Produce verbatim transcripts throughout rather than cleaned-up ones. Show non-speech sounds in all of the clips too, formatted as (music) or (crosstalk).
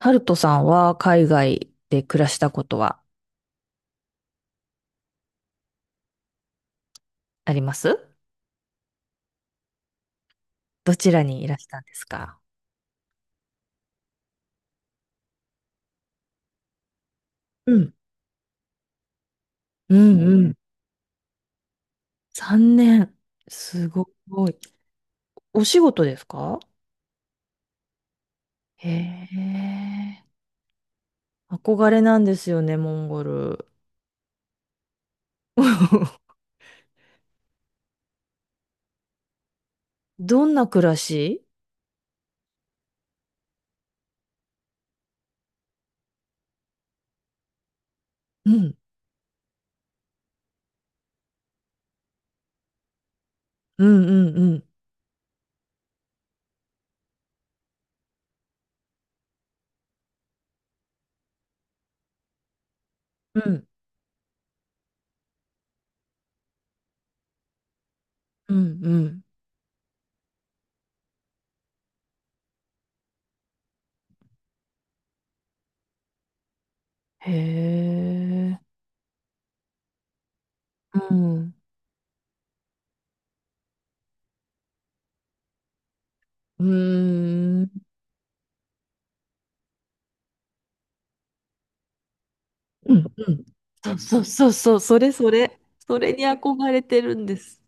ハルトさんは海外で暮らしたことはありますどちらにいらしたんですか？うん。うんうねん。さんねん。すごい。お仕事ですか？へえ。憧れなんですよね、モンゴル。(laughs) どんな暮らし？うん。うんうんうん。うん。うんうん。へえ。うん。うーん。うんうん。そうそうそうそう。それそれ。それに憧れてるんです。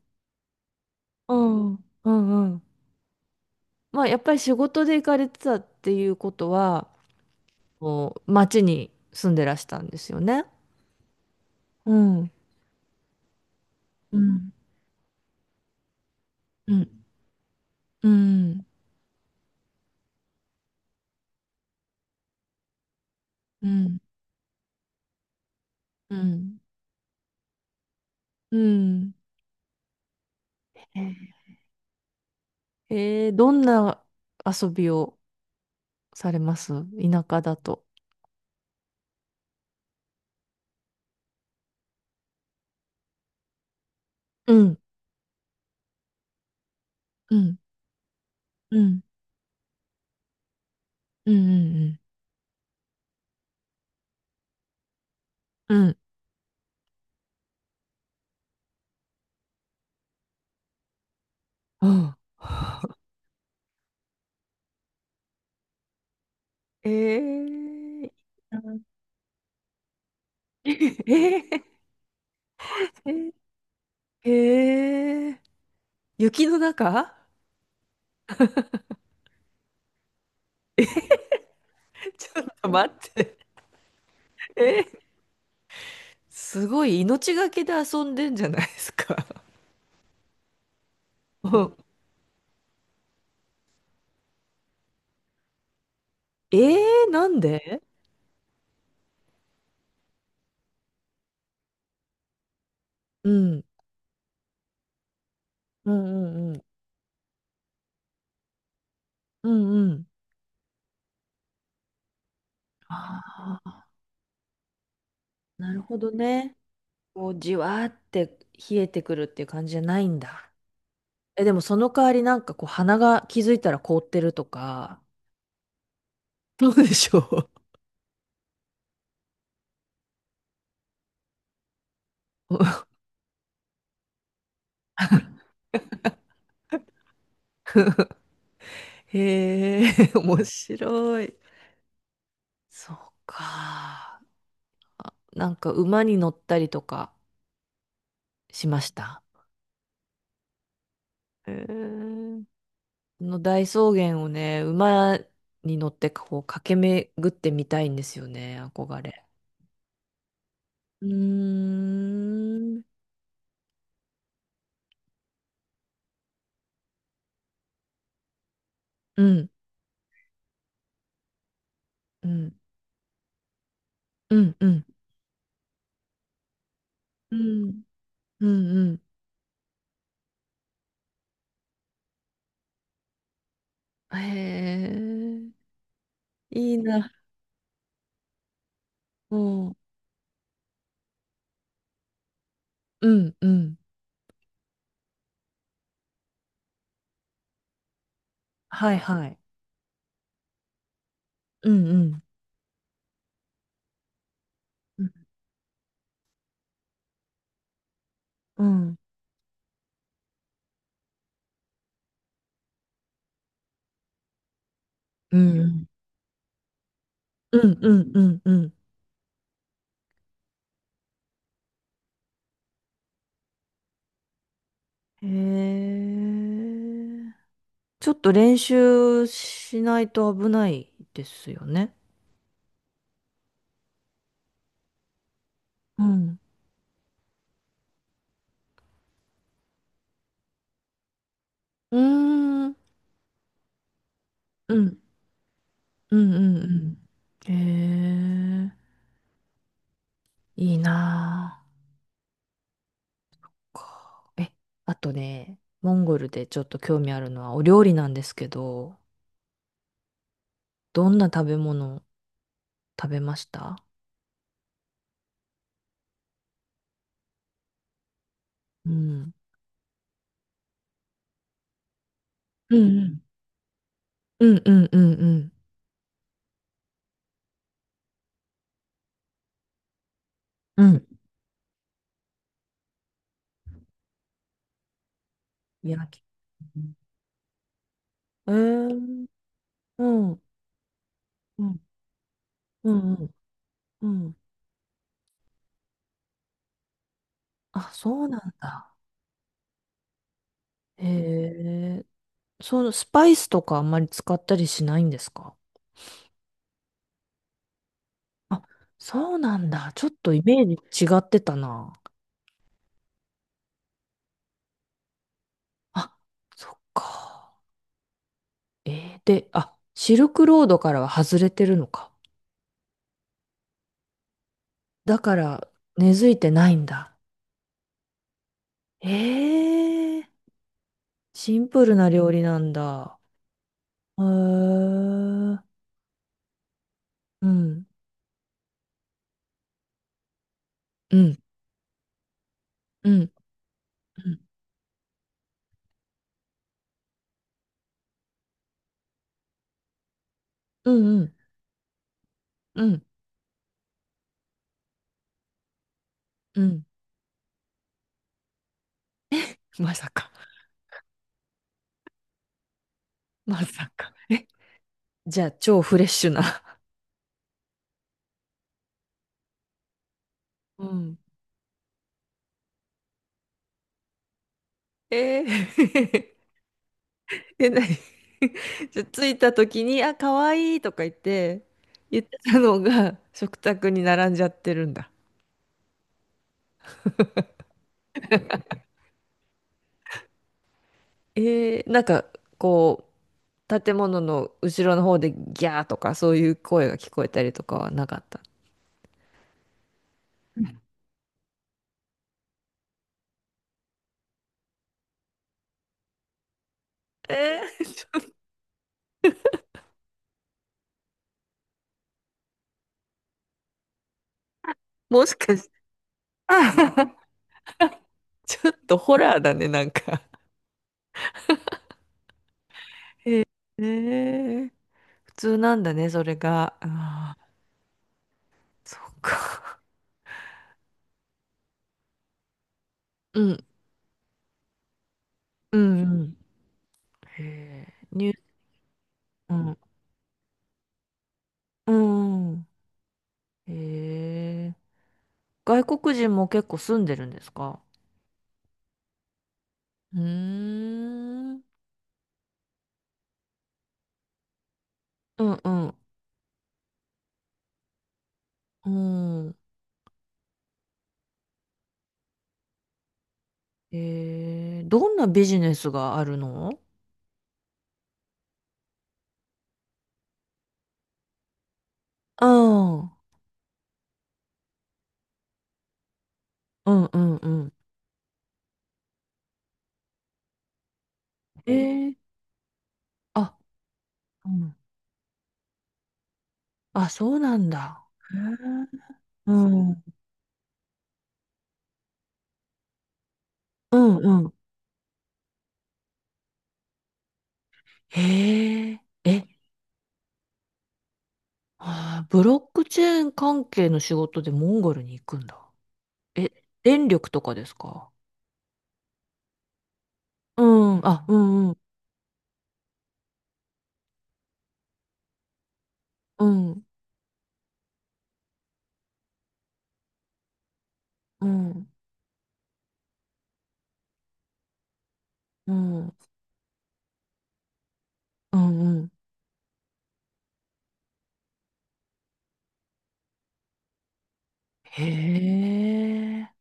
うん、うんうん。まあやっぱり仕事で行かれてたっていうことは、こう町に住んでらしたんですよね。うん。うん、うん、うん。うん。うん。うんえーどんな遊びをされます田舎だと。うん。うん。うん。うん。うん。うん。(laughs) うん。(laughs) えー、(laughs) えー、えー、えー雪の中、ちょっと待って。(laughs) え、すごい命がけで遊んでんじゃないですか。うん。えー、なんで？うん。うんうんうん。うんうん。ああ、なるほどね。こう、じわーって冷えてくるっていう感じじゃないんだ。え、でもその代わりなんかこう、鼻が気づいたら凍ってるとか、どうでしょう。(laughs) へえ、面白い。そうか。あ、なんか馬に乗ったりとかしました？へー、この大草原をね、馬に乗ってこう駆け巡ってみたいんですよね、憧れ。うーん。うん、うん、うん、うん、うん、うん、うん。へえ、いいな。うん、うん、うん。はい、はい。うん、うん、うん、うん、うん、うん、うん、うん。うんへえ。ちょっと練習しないと危ないですよね。うん。うーん。うん。うんうんうん。へえ、いいな。あかえ、あとね、モンゴルでちょっと興味あるのはお料理なんですけど、どんな食べ物食べました？うん。うんうんうんうんうんうん。うん。焼き。えー、うん。うんうんうんうん。あ、そうなんだ。へえ、そのスパイスとかあんまり使ったりしないんですか？あ、そうなんだ。ちょっとイメージ違ってたな。あ、そっか。えー、で、あ、シルクロードからは外れてるのか。だから、根付いてないんだ。えー、シンプルな料理なんだ。へー、うん、うん、うん、うん、うん、うん、うん、うん。まさか、まさか。え、じゃあ、超フレッシュな。うん。えーえ、なに？ (laughs) じゃ、着いた時に、あ、かわいいとか言って、言ってたのが食卓に並んじゃってるんだ。えー、なんか、こう、建物の後ろの方でギャーとかそういう声が聞こえたりとかはなかった？えー、(laughs) ちょ、ちょっとホラーだね、なんか。えー、普通なんだね、それが。ああ、そっか。うん、うん、うん。へえ、ニュー、うん、うん。へえ。外国人も結構住んでるんですか？うーん。うんうん。うん。えー、どんなビジネスがあるの？うん。うんうんうんうん。えーあうんあ、あ、そうなんだ。へーうんうんうん。へえ、え、あー、ブロックチェーン関係の仕事でモンゴルに行くんだ。え、電力とかですか？うん、あ、うんうん、うん、うん、うん、うん、うん、へえ、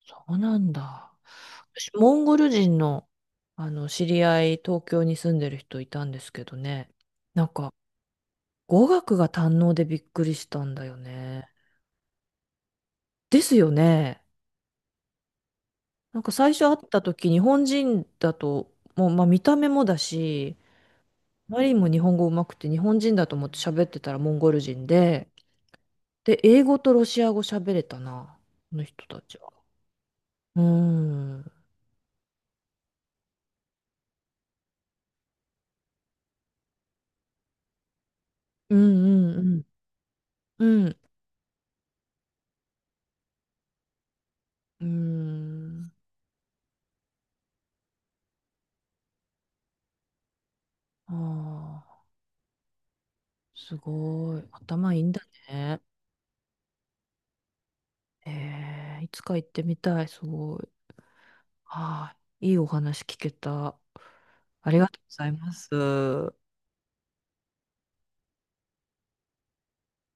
そうなんだ。私、モンゴル人の、あの、知り合い、東京に住んでる人いたんですけどね。なんか、語学が堪能でびっくりしたんだよね。ですよね。なんか最初会った時、日本人だと、もう、まあ見た目もだし、マリンも日本語上手くて、日本人だと思って喋ってたらモンゴル人で、で、英語とロシア語喋れたな、この人たちは。うーん。うんうんうん。うんうーん。ああ、すごい。頭いいんだね。えー、いつか行ってみたい。すごい。はい。いいお話聞けた。ありがとうございます。